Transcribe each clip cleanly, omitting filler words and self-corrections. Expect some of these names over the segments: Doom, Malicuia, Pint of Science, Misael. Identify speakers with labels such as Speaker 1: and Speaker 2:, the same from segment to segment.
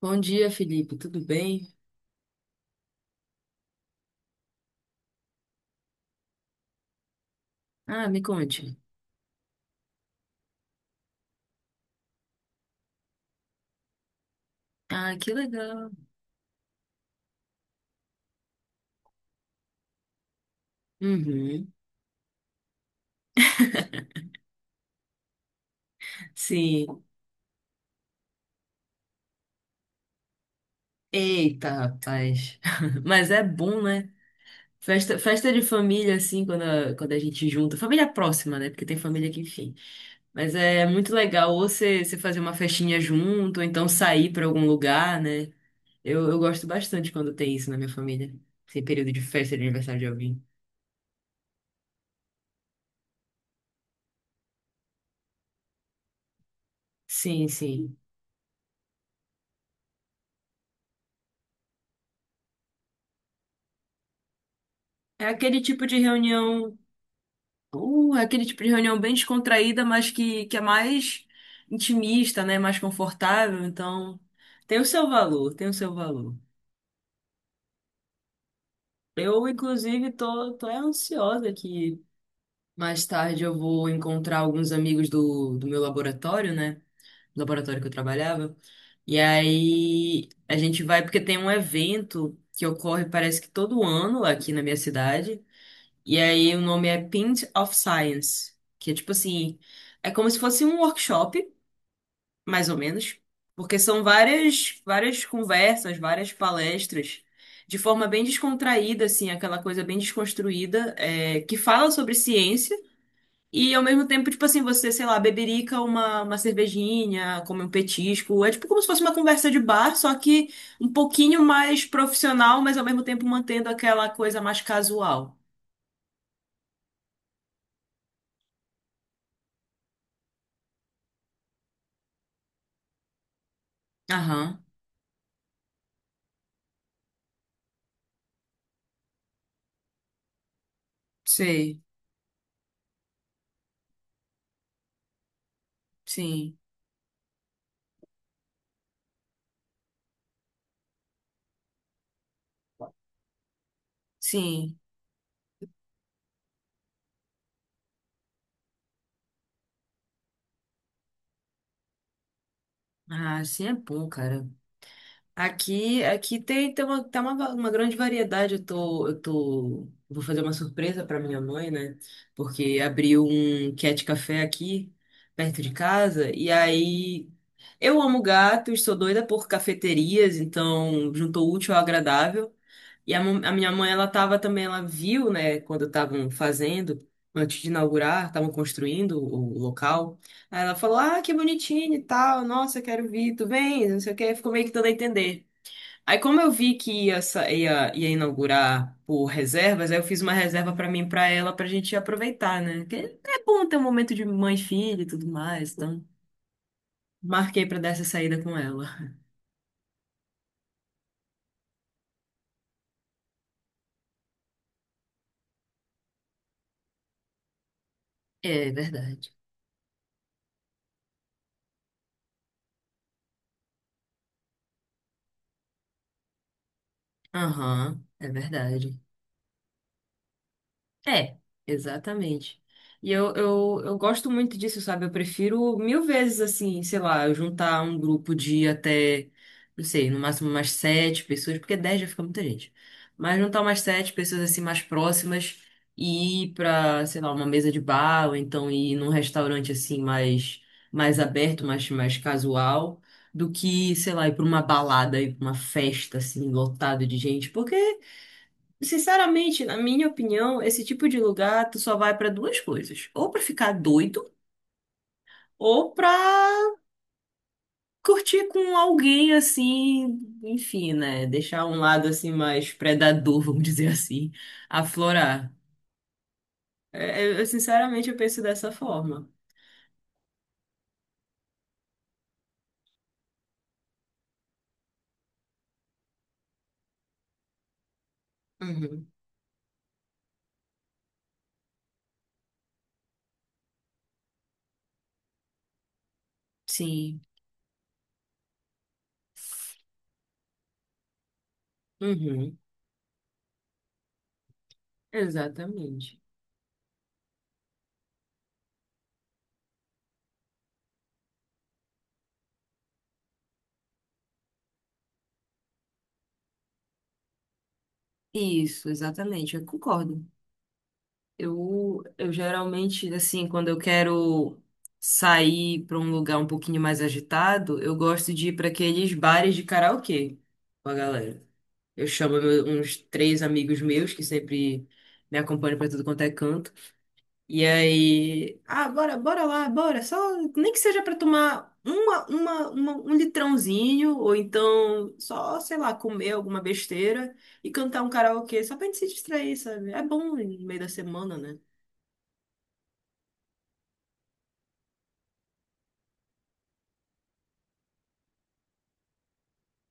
Speaker 1: Bom dia, Felipe. Tudo bem? Ah, me conte. Ah, que legal. Uhum. Sim. Eita, rapaz. Mas é bom, né? Festa, festa de família, assim, quando a gente junta. Família próxima, né? Porque tem família que, enfim. Mas é muito legal ou você fazer uma festinha junto, ou então sair para algum lugar, né? Eu gosto bastante quando tem isso na minha família. Esse período de festa de aniversário de alguém. Sim, sim. É aquele tipo de reunião. É aquele tipo de reunião bem descontraída, mas que é mais intimista, né? Mais confortável. Então, tem o seu valor, tem o seu valor. Eu, inclusive, tô é ansiosa que mais tarde eu vou encontrar alguns amigos do meu laboratório, né? Laboratório que eu trabalhava. E aí a gente vai, porque tem um evento que ocorre, parece que todo ano aqui na minha cidade. E aí o nome é Pint of Science, que é tipo assim. É como se fosse um workshop, mais ou menos, porque são várias conversas, várias palestras, de forma bem descontraída, assim, aquela coisa bem desconstruída, é, que fala sobre ciência e ao mesmo tempo, tipo assim, você, sei lá, beberica uma cervejinha, come um petisco, é tipo como se fosse uma conversa de bar, só que um pouquinho mais profissional, mas ao mesmo tempo mantendo aquela coisa mais casual. Aham, sei, sim, sim. Ah, sim é bom, cara. Aqui tem uma, tá uma, va- uma grande variedade. Eu vou fazer uma surpresa para minha mãe, né? Porque abriu um cat café aqui perto de casa e aí eu amo gatos, sou doida por cafeterias, então juntou o útil ao agradável. E a minha mãe, ela tava também, ela viu, né, quando estavam fazendo, antes de inaugurar, estavam construindo o local. Aí ela falou: "Ah, que bonitinho e tal. Nossa, quero vir. Tu vem?" Não sei o que ficou meio que dando a entender. Aí, como eu vi que ia inaugurar por reservas, aí eu fiz uma reserva pra mim e pra ela pra gente aproveitar, né? Que é bom ter um momento de mãe e filha e tudo mais, então marquei pra dar essa saída com ela. É verdade. Aham, é verdade. É, exatamente. E eu gosto muito disso, sabe? Eu prefiro mil vezes, assim, sei lá, eu juntar um grupo de até, não sei, no máximo umas sete pessoas, porque dez já fica muita gente. Mas juntar umas sete pessoas, assim, mais próximas e ir pra, sei lá, uma mesa de bar, ou então ir num restaurante, assim, mais, mais aberto, mais, mais casual, do que, sei lá, ir pra uma balada, ir pra uma festa, assim, lotado de gente, porque. Sinceramente, na minha opinião, esse tipo de lugar tu só vai pra duas coisas: ou pra ficar doido, ou pra curtir com alguém assim, enfim, né? Deixar um lado assim mais predador, vamos dizer assim, aflorar. É, sinceramente eu penso dessa forma. Uhum. Sim. Uhum. Exatamente. Isso, exatamente. Eu concordo. Eu geralmente, assim, quando eu quero sair para um lugar um pouquinho mais agitado, eu gosto de ir para aqueles bares de karaokê com a galera. Eu chamo uns três amigos meus que sempre me acompanham para tudo quanto é canto. E aí, ah, bora, bora lá, bora, só nem que seja para tomar uma, um litrãozinho ou então só, sei lá, comer alguma besteira e cantar um karaokê só pra gente se distrair, sabe? É bom no meio da semana, né?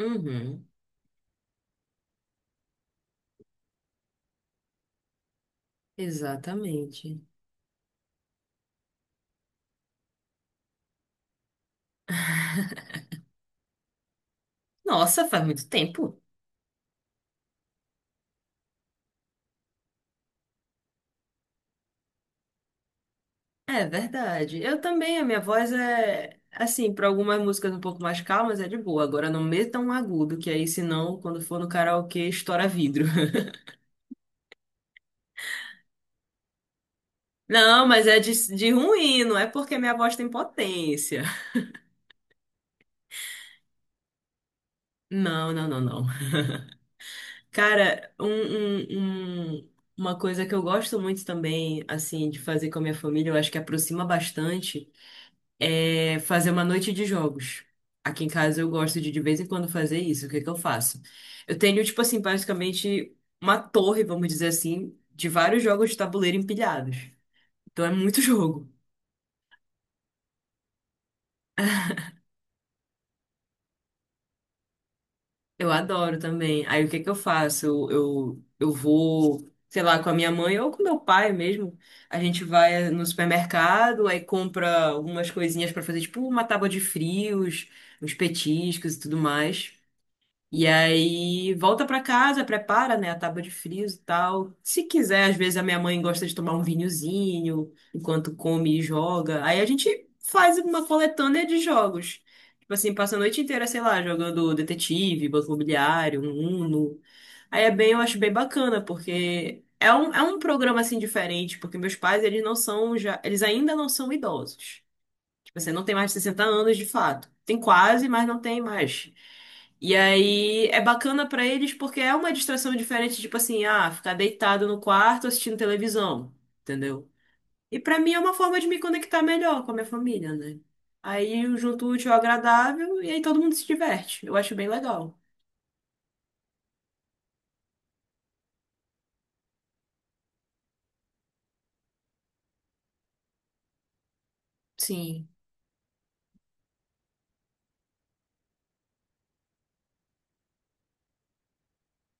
Speaker 1: Uhum, exatamente. Nossa, faz muito tempo. É verdade. Eu também, a minha voz é assim, para algumas músicas um pouco mais calmas é de boa. Agora não meta um agudo, que aí senão quando for no karaokê estoura vidro. Não, mas é de ruim, não é porque minha voz tem potência. Não, não, não, não. Cara, uma coisa que eu gosto muito também, assim, de fazer com a minha família, eu acho que aproxima bastante. É fazer uma noite de jogos. Aqui em casa eu gosto de vez em quando fazer isso. O que que eu faço? Eu tenho, tipo assim, basicamente uma torre, vamos dizer assim, de vários jogos de tabuleiro empilhados. Então é muito jogo. Eu adoro também. Aí o que que eu faço? Eu vou, sei lá, com a minha mãe ou com meu pai mesmo. A gente vai no supermercado, aí compra algumas coisinhas pra fazer, tipo uma tábua de frios, uns petiscos e tudo mais. E aí volta pra casa, prepara, né, a tábua de frios e tal. Se quiser, às vezes a minha mãe gosta de tomar um vinhozinho enquanto come e joga. Aí a gente faz uma coletânea de jogos. Tipo assim, passa a noite inteira, sei lá, jogando detetive, banco imobiliário, um Uno. Aí é bem, eu acho bem bacana, porque é um programa assim diferente, porque meus pais, eles ainda não são idosos. Você não tem mais de 60 anos de fato. Tem quase, mas não tem mais. E aí é bacana pra eles porque é uma distração diferente, tipo assim, ah, ficar deitado no quarto assistindo televisão, entendeu? E pra mim é uma forma de me conectar melhor com a minha família, né? Aí eu junto o útil ao agradável e aí todo mundo se diverte. Eu acho bem legal. Sim.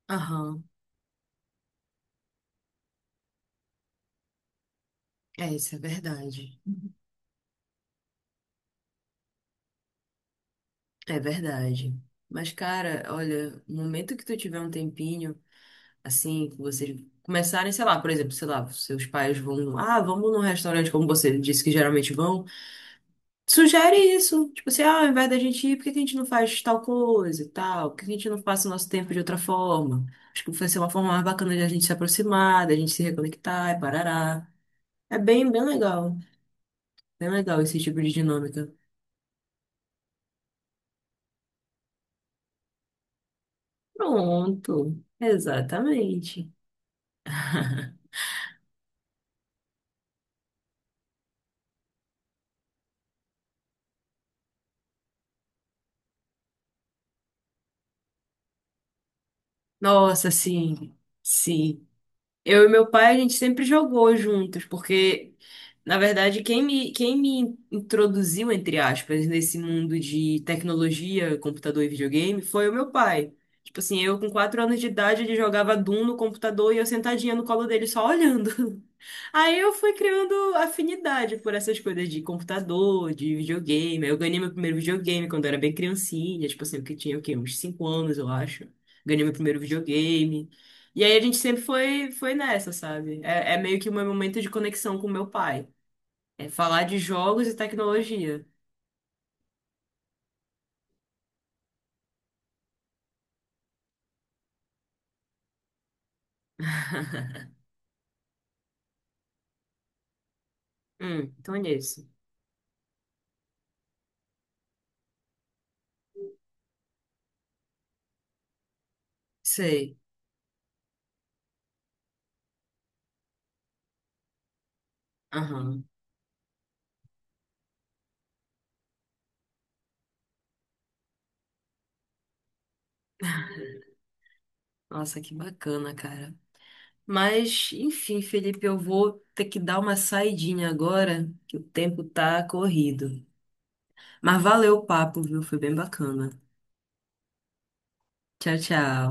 Speaker 1: Aham. É, isso é verdade. É verdade. Mas, cara, olha, no momento que tu tiver um tempinho, assim, que vocês começarem, sei lá, por exemplo, sei lá, seus pais vão, ah, vamos num restaurante como você disse que geralmente vão. Sugere isso, tipo assim, ah, ao invés da gente ir, por que que a gente não faz tal coisa e tal? Por que que a gente não passa o nosso tempo de outra forma? Acho que vai ser uma forma mais bacana de a gente se aproximar, da gente se reconectar e parará. É bem, bem legal. Bem legal esse tipo de dinâmica. Pronto. Exatamente. Nossa, sim. Sim. Eu e meu pai, a gente sempre jogou juntos, porque, na verdade, quem me introduziu, entre aspas, nesse mundo de tecnologia, computador e videogame foi o meu pai. Tipo assim, eu com 4 anos de idade, ele jogava Doom no computador e eu sentadinha no colo dele só olhando. Aí eu fui criando afinidade por essas coisas de computador, de videogame. Eu ganhei meu primeiro videogame quando eu era bem criancinha, tipo assim, que tinha o quê? Uns 5 anos, eu acho. Ganhei meu primeiro videogame. E aí a gente sempre foi nessa, sabe? É, é meio que o meu momento de conexão com meu pai. É falar de jogos e tecnologia. Então é isso. Sei. Aham. Nossa, que bacana, cara. Mas, enfim, Felipe, eu vou ter que dar uma saidinha agora, que o tempo tá corrido. Mas valeu o papo, viu? Foi bem bacana. Tchau, tchau.